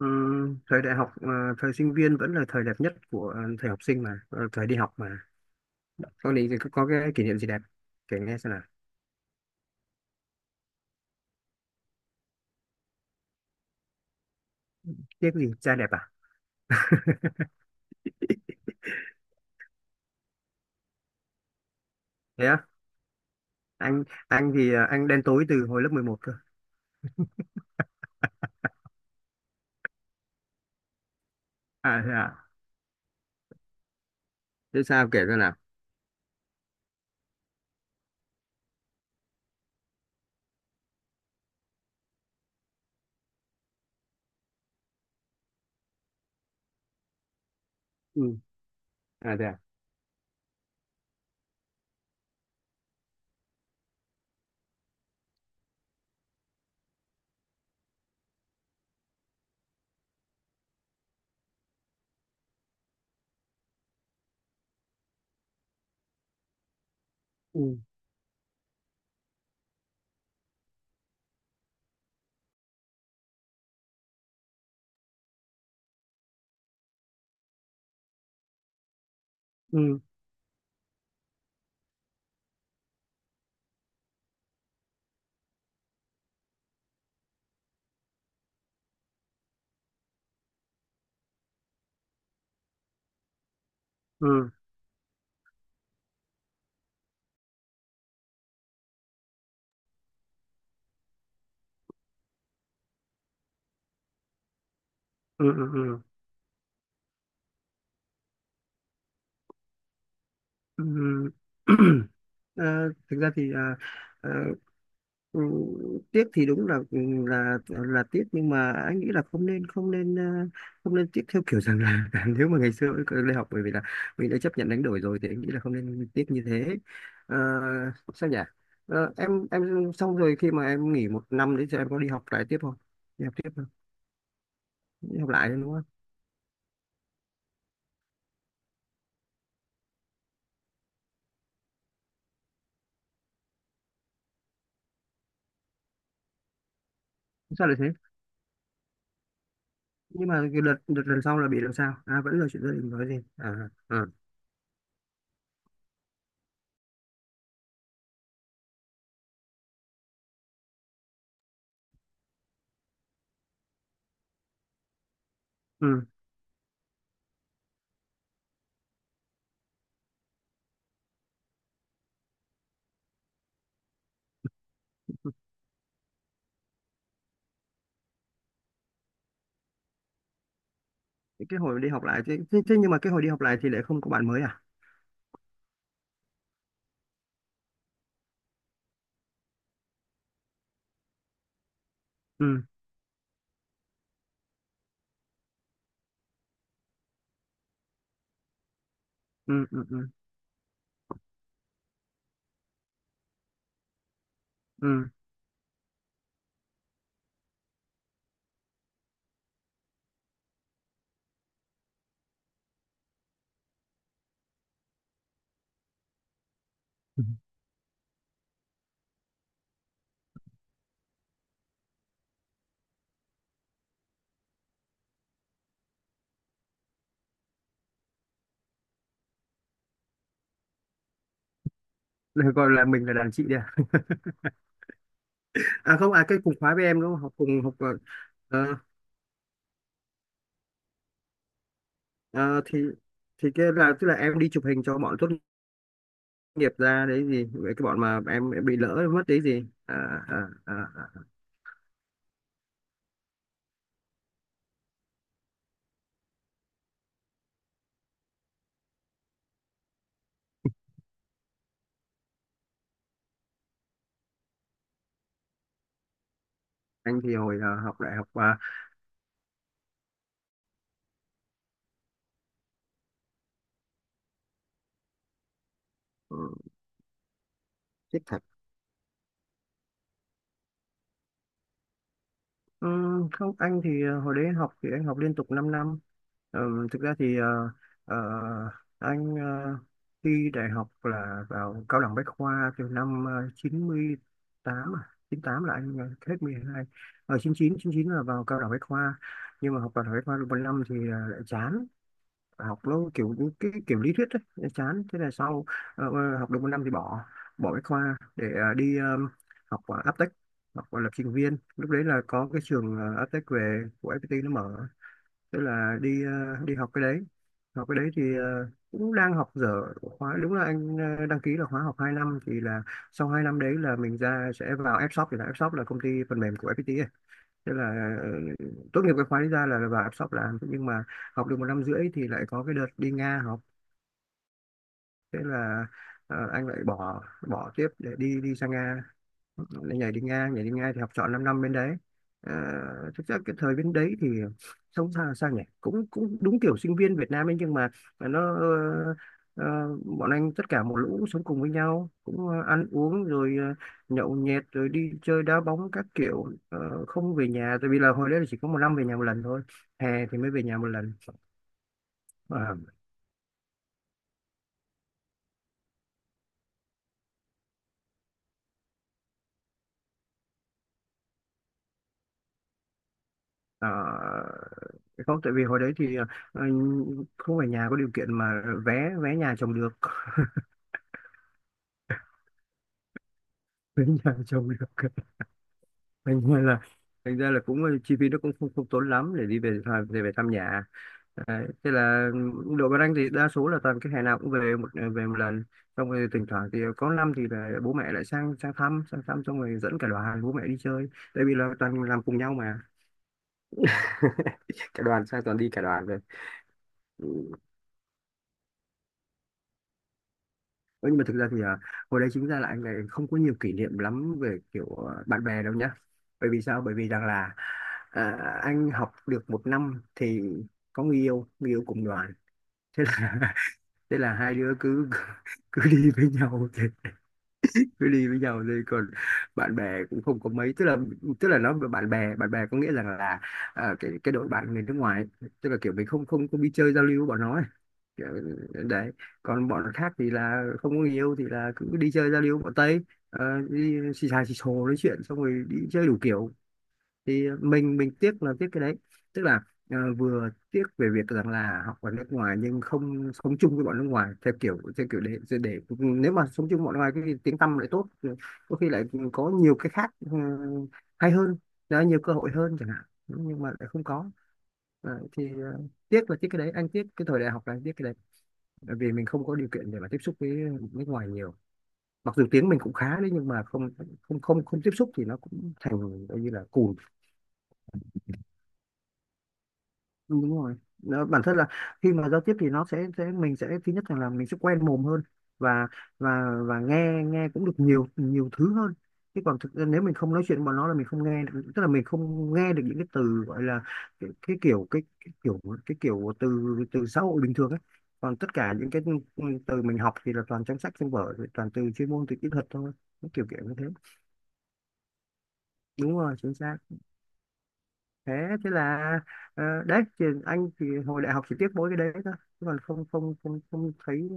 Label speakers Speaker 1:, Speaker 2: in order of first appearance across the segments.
Speaker 1: Ờ, Thời đại học thời sinh viên vẫn là thời đẹp nhất của thời học sinh mà thời đi học mà con định có cái kỷ niệm gì đẹp kể nghe xem nào. Tiếc gì trai đẹp à? Thế á? Anh thì anh đen tối từ hồi lớp 11 cơ. À? Thế sao kể ra nào? Ừ. À thế à? Ừ ừ ừ. Ừ ừ ừ ừ. Thực ra thì ờ, Ừ, tiếc thì đúng là ừ, là tiếc nhưng mà anh nghĩ là không nên tiếc theo kiểu rằng là, nếu mà ngày xưa mình đi học, bởi vì là mình đã chấp nhận đánh đổi rồi thì anh nghĩ là không nên tiếc như thế. Ờ, Sao nhỉ? Em xong rồi khi mà em nghỉ một năm đấy thì em có đi học lại tiếp không, đi học tiếp không, đi học lại đúng không? Sao lại thế? Nhưng mà cái đợt đợt lần sau là bị làm sao à, vẫn là chuyện gia đình nói gì à, à? Ừ. Cái hồi đi học lại thế nhưng mà cái hồi đi học lại thì lại không có bạn mới à? Ừ ừ ừ. Ừ ừ. Được gọi là mình là đàn chị đi à? À không, à cái cùng khóa với em đúng không? Học cùng học ờ, ờ, thì thì cái là tức là em đi chụp hình cho bọn tốt nghiệp ra đấy gì, với cái bọn mà em bị lỡ mất đấy gì à, à, à, à. Anh thì hồi học đại học uh, không, anh thì hồi đấy anh học thì anh học liên tục 5 năm. Thực ra thì ờ, anh ờ, thi đại học là vào cao đẳng Bách khoa từ năm 98, à 98 là anh hết mười hai, ở chín chín là vào cao đẳng Bách khoa. Nhưng mà học cao đẳng Bách khoa được một năm thì lại chán, học nó kiểu cái kiểu lý thuyết ấy, nó chán. Thế là sau học được một năm thì bỏ, bỏ bách khoa để đi học Aptech, học lập trình viên, lúc đấy là có cái trường Aptech về của FPT nó mở. Thế là đi đi học cái đấy, học cái đấy thì cũng đang học dở khóa. Đúng là anh đăng ký là khóa học 2 năm thì là sau 2 năm đấy là mình ra sẽ vào Fshop, thì là Fshop là công ty phần mềm của FPT. Thế là ờ, tốt nghiệp cái khóa đấy ra là vào áp shop làm. Thế nhưng mà học được một năm rưỡi thì lại có cái đợt đi Nga học. Thế là anh lại bỏ, bỏ tiếp để đi đi sang Nga, nó nhảy đi Nga, nhảy đi Nga thì học trọn 5 năm bên đấy. À, thực ra cái thời bên đấy thì sống sao, sao nhỉ, cũng cũng đúng kiểu sinh viên Việt Nam ấy, nhưng mà nó ờ, bọn anh tất cả một lũ sống cùng với nhau, cũng ăn uống rồi nhậu nhẹt rồi đi chơi đá bóng các kiểu. Ờ, không về nhà, tại vì là hồi đấy là chỉ có một năm về nhà một lần thôi, hè thì mới về nhà một lần. Ờ, ờ, Không, tại vì hồi đấy thì ờ, không phải nhà có điều kiện mà vé vé nhà trồng được. Tính nhà chồng được. thành ra là thành ra là cũng chi phí nó cũng không tốn lắm để đi về thăm, về thăm nhà. Đấy. Thế là đội Văn Anh thì đa số là toàn cái hè nào cũng về một về một lần, xong rồi thỉnh thoảng thì có năm thì là bố mẹ lại sang sang thăm sang thăm, xong rồi dẫn cả đoàn bố mẹ đi chơi, tại vì là toàn làm cùng nhau mà. Cả đoàn sang, toàn đi cả đoàn về. Ừ, nhưng mà thực ra thì hồi đấy chính ra là anh này không có nhiều kỷ niệm lắm về kiểu bạn bè đâu nhá, bởi vì sao, bởi vì rằng là à, anh học được một năm thì có người yêu, người yêu cùng đoàn. Thế là thế là hai đứa cứ cứ đi với nhau, cứ đi với nhau đi, còn bạn bè cũng không có mấy, tức là nó bạn bè có nghĩa rằng là cái đội bạn người nước ngoài ấy, tức là kiểu mình không không không đi chơi giao lưu với bọn nó ấy. Kiểu, đấy, còn bọn khác thì là không có người yêu thì là cứ đi chơi giao lưu với bọn Tây. Ờ, đi xì xà xì xồ nói chuyện xong rồi đi chơi đủ kiểu, thì mình tiếc là tiếc cái đấy, tức là vừa tiếc về việc rằng là học ở nước ngoài nhưng không sống chung với bọn nước ngoài, theo kiểu để nếu mà sống chung với bọn nước ngoài cái tiếng tăm lại tốt, có khi lại có nhiều cái khác ừ, hay hơn, đó, nhiều cơ hội hơn chẳng hạn. Ừ, nhưng mà lại không có. Ờ, thì ờ, Tiếc là tiếc cái đấy, anh tiếc cái thời đại học là anh tiếc cái đấy, bởi vì mình không có điều kiện để mà tiếp xúc với nước ngoài nhiều, mặc dù tiếng mình cũng khá đấy, nhưng mà không không không không tiếp xúc thì nó cũng thành coi như là cùn. Ừ, đúng rồi. Nó, bản thân là khi mà giao tiếp thì nó sẽ mình sẽ thứ nhất là mình sẽ quen mồm hơn, và và nghe nghe cũng được nhiều nhiều thứ hơn. Chứ còn thực ra nếu mình không nói chuyện với bọn nó là mình không nghe được, tức là mình không nghe được những cái từ gọi là cái, cái kiểu cái, cái kiểu cái kiểu từ từ xã hội bình thường ấy. Còn tất cả những cái từ mình học thì là toàn trong sách trong vở, toàn từ chuyên môn từ kỹ thuật thôi. Nó kiểu kiểu như thế. Đúng rồi, chính xác. Thế, thế là đấy thì anh thì hồi đại học chỉ tiếc mỗi cái đấy thôi, chứ còn không không không không thấy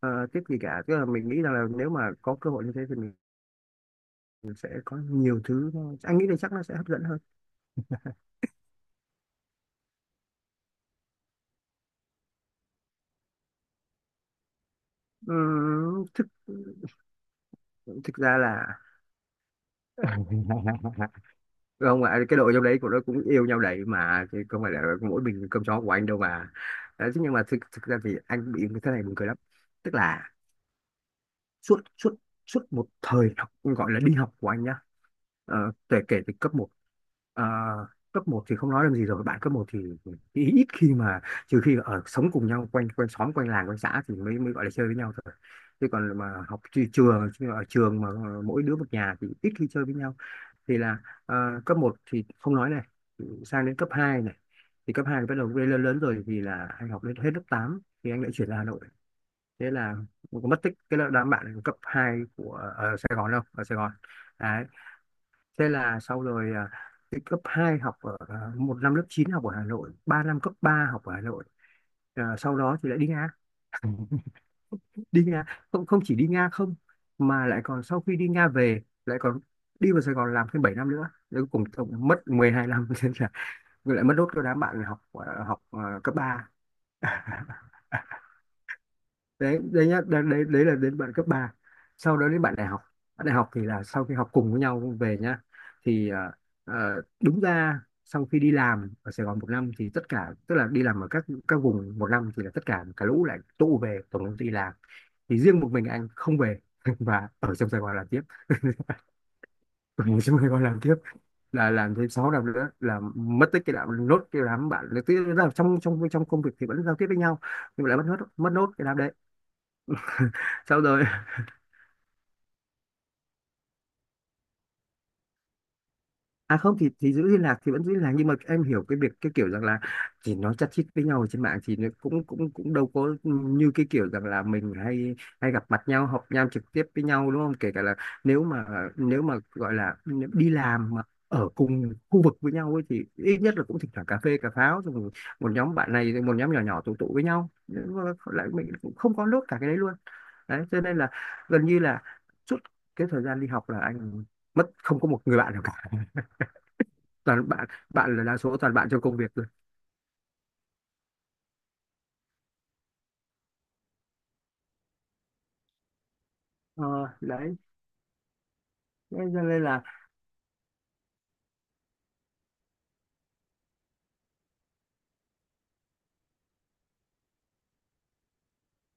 Speaker 1: tiếc gì cả, tức là mình nghĩ rằng là nếu mà có cơ hội như thế thì mình sẽ có nhiều thứ nó, anh nghĩ là chắc nó sẽ hấp dẫn hơn. Thực Thực ra là không ạ, cái đội trong đấy của nó cũng yêu nhau đấy mà, chứ không phải là mỗi mình cơm chó của anh đâu mà. Đấy, thế nhưng mà thực thực ra thì anh bị cái thế này buồn cười lắm, tức là suốt suốt suốt một thời học gọi là đi học của anh nhá. Ờ, kể kể từ cấp một, ờ, cấp một thì không nói làm gì rồi, bạn cấp một thì ít khi mà, trừ khi ở sống cùng nhau quanh quanh xóm quanh làng quanh xã thì mới mới gọi là chơi với nhau thôi, chứ còn mà học trường, chứ ở trường mà mỗi đứa một nhà thì ít khi chơi với nhau. Thì là cấp một thì không nói này, sang đến cấp 2 này, thì cấp 2 thì bắt đầu lên lớn lớn rồi thì là anh học lên hết lớp 8 thì anh lại chuyển ra Hà Nội. Thế là mình cũng mất tích cái lớp, đám bạn cấp 2 của ở Sài Gòn, đâu ở Sài Gòn đấy. Thế là sau rồi cái cấp 2 học ở một năm lớp 9 học ở Hà Nội, 3 năm cấp 3 học ở Hà Nội. À, sau đó thì lại đi Nga, đi Nga, không không chỉ đi Nga không mà lại còn sau khi đi Nga về lại còn đi vào Sài Gòn làm thêm 7 năm nữa. Đấy, cuối cùng tổng mất 12 năm. Thế là lại mất đốt cho đám bạn học học cấp ba. Đấy, đấy nhá, đấy là đến bạn cấp ba, sau đó đến bạn đại học. Bạn đại học thì là sau khi học cùng với nhau về nhá, thì đúng ra sau khi đi làm ở Sài Gòn một năm thì tất cả, tức là đi làm ở các vùng một năm, thì là tất cả cả lũ lại tụ về tổng công ty làm, thì riêng một mình anh không về và ở trong Sài Gòn làm tiếp, ở trong Sài Gòn làm tiếp, là làm thêm 6 năm nữa, là mất tích cái đám nốt, cái đám bạn, tức là trong trong trong công việc thì vẫn giao tiếp với nhau, nhưng mà lại mất nốt cái đám đấy. Sau rồi à, không thì thì giữ liên lạc thì vẫn giữ liên lạc, nhưng mà em hiểu cái việc cái kiểu rằng là thì nó chát chít với nhau ở trên mạng thì nó cũng cũng cũng đâu có như cái kiểu rằng là mình hay hay gặp mặt nhau, họp nhau trực tiếp với nhau, đúng không? Kể cả là nếu mà nếu mà gọi là nếu đi làm mà ở cùng khu vực với nhau ấy, thì ít nhất là cũng thỉnh thoảng cà phê cà pháo rồi một một nhóm bạn này, rồi một nhóm nhỏ nhỏ tụ tụ với nhau. Nhưng mà lại mình cũng không có nốt cả cái đấy luôn. Đấy cho nên là gần như là suốt cái thời gian đi học là anh mất, không có một người bạn nào cả, toàn bạn, bạn là đa số toàn bạn trong công việc rồi. ờ, Đấy. Thế cho nên là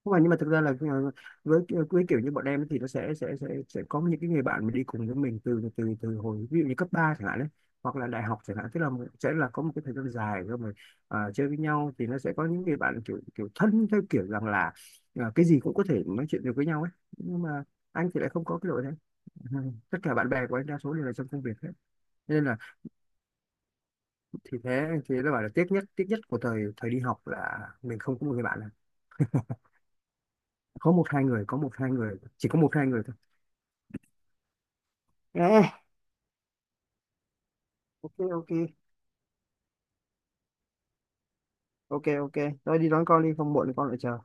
Speaker 1: không phải, nhưng mà thực ra là với kiểu như bọn em thì nó sẽ có những cái người bạn mà đi cùng với mình từ từ từ hồi ví dụ như cấp 3 chẳng hạn đấy, hoặc là đại học chẳng hạn, tức là sẽ là có một cái thời gian dài rồi mà chơi với nhau, thì nó sẽ có những người bạn kiểu kiểu thân theo kiểu rằng là cái gì cũng có thể nói chuyện được với nhau ấy, nhưng mà anh thì lại không có cái đội đấy. Ừ, tất cả bạn bè của anh đa số đều là trong công việc hết. Thế nên là, thì thế thì đã bảo là tiếc nhất của thời thời đi học là mình không có một người bạn nào, có một hai người có một hai người chỉ có một hai người thôi. À, ok. Ok ok ok, thôi đi đón con đi không muộn thì con lại chờ.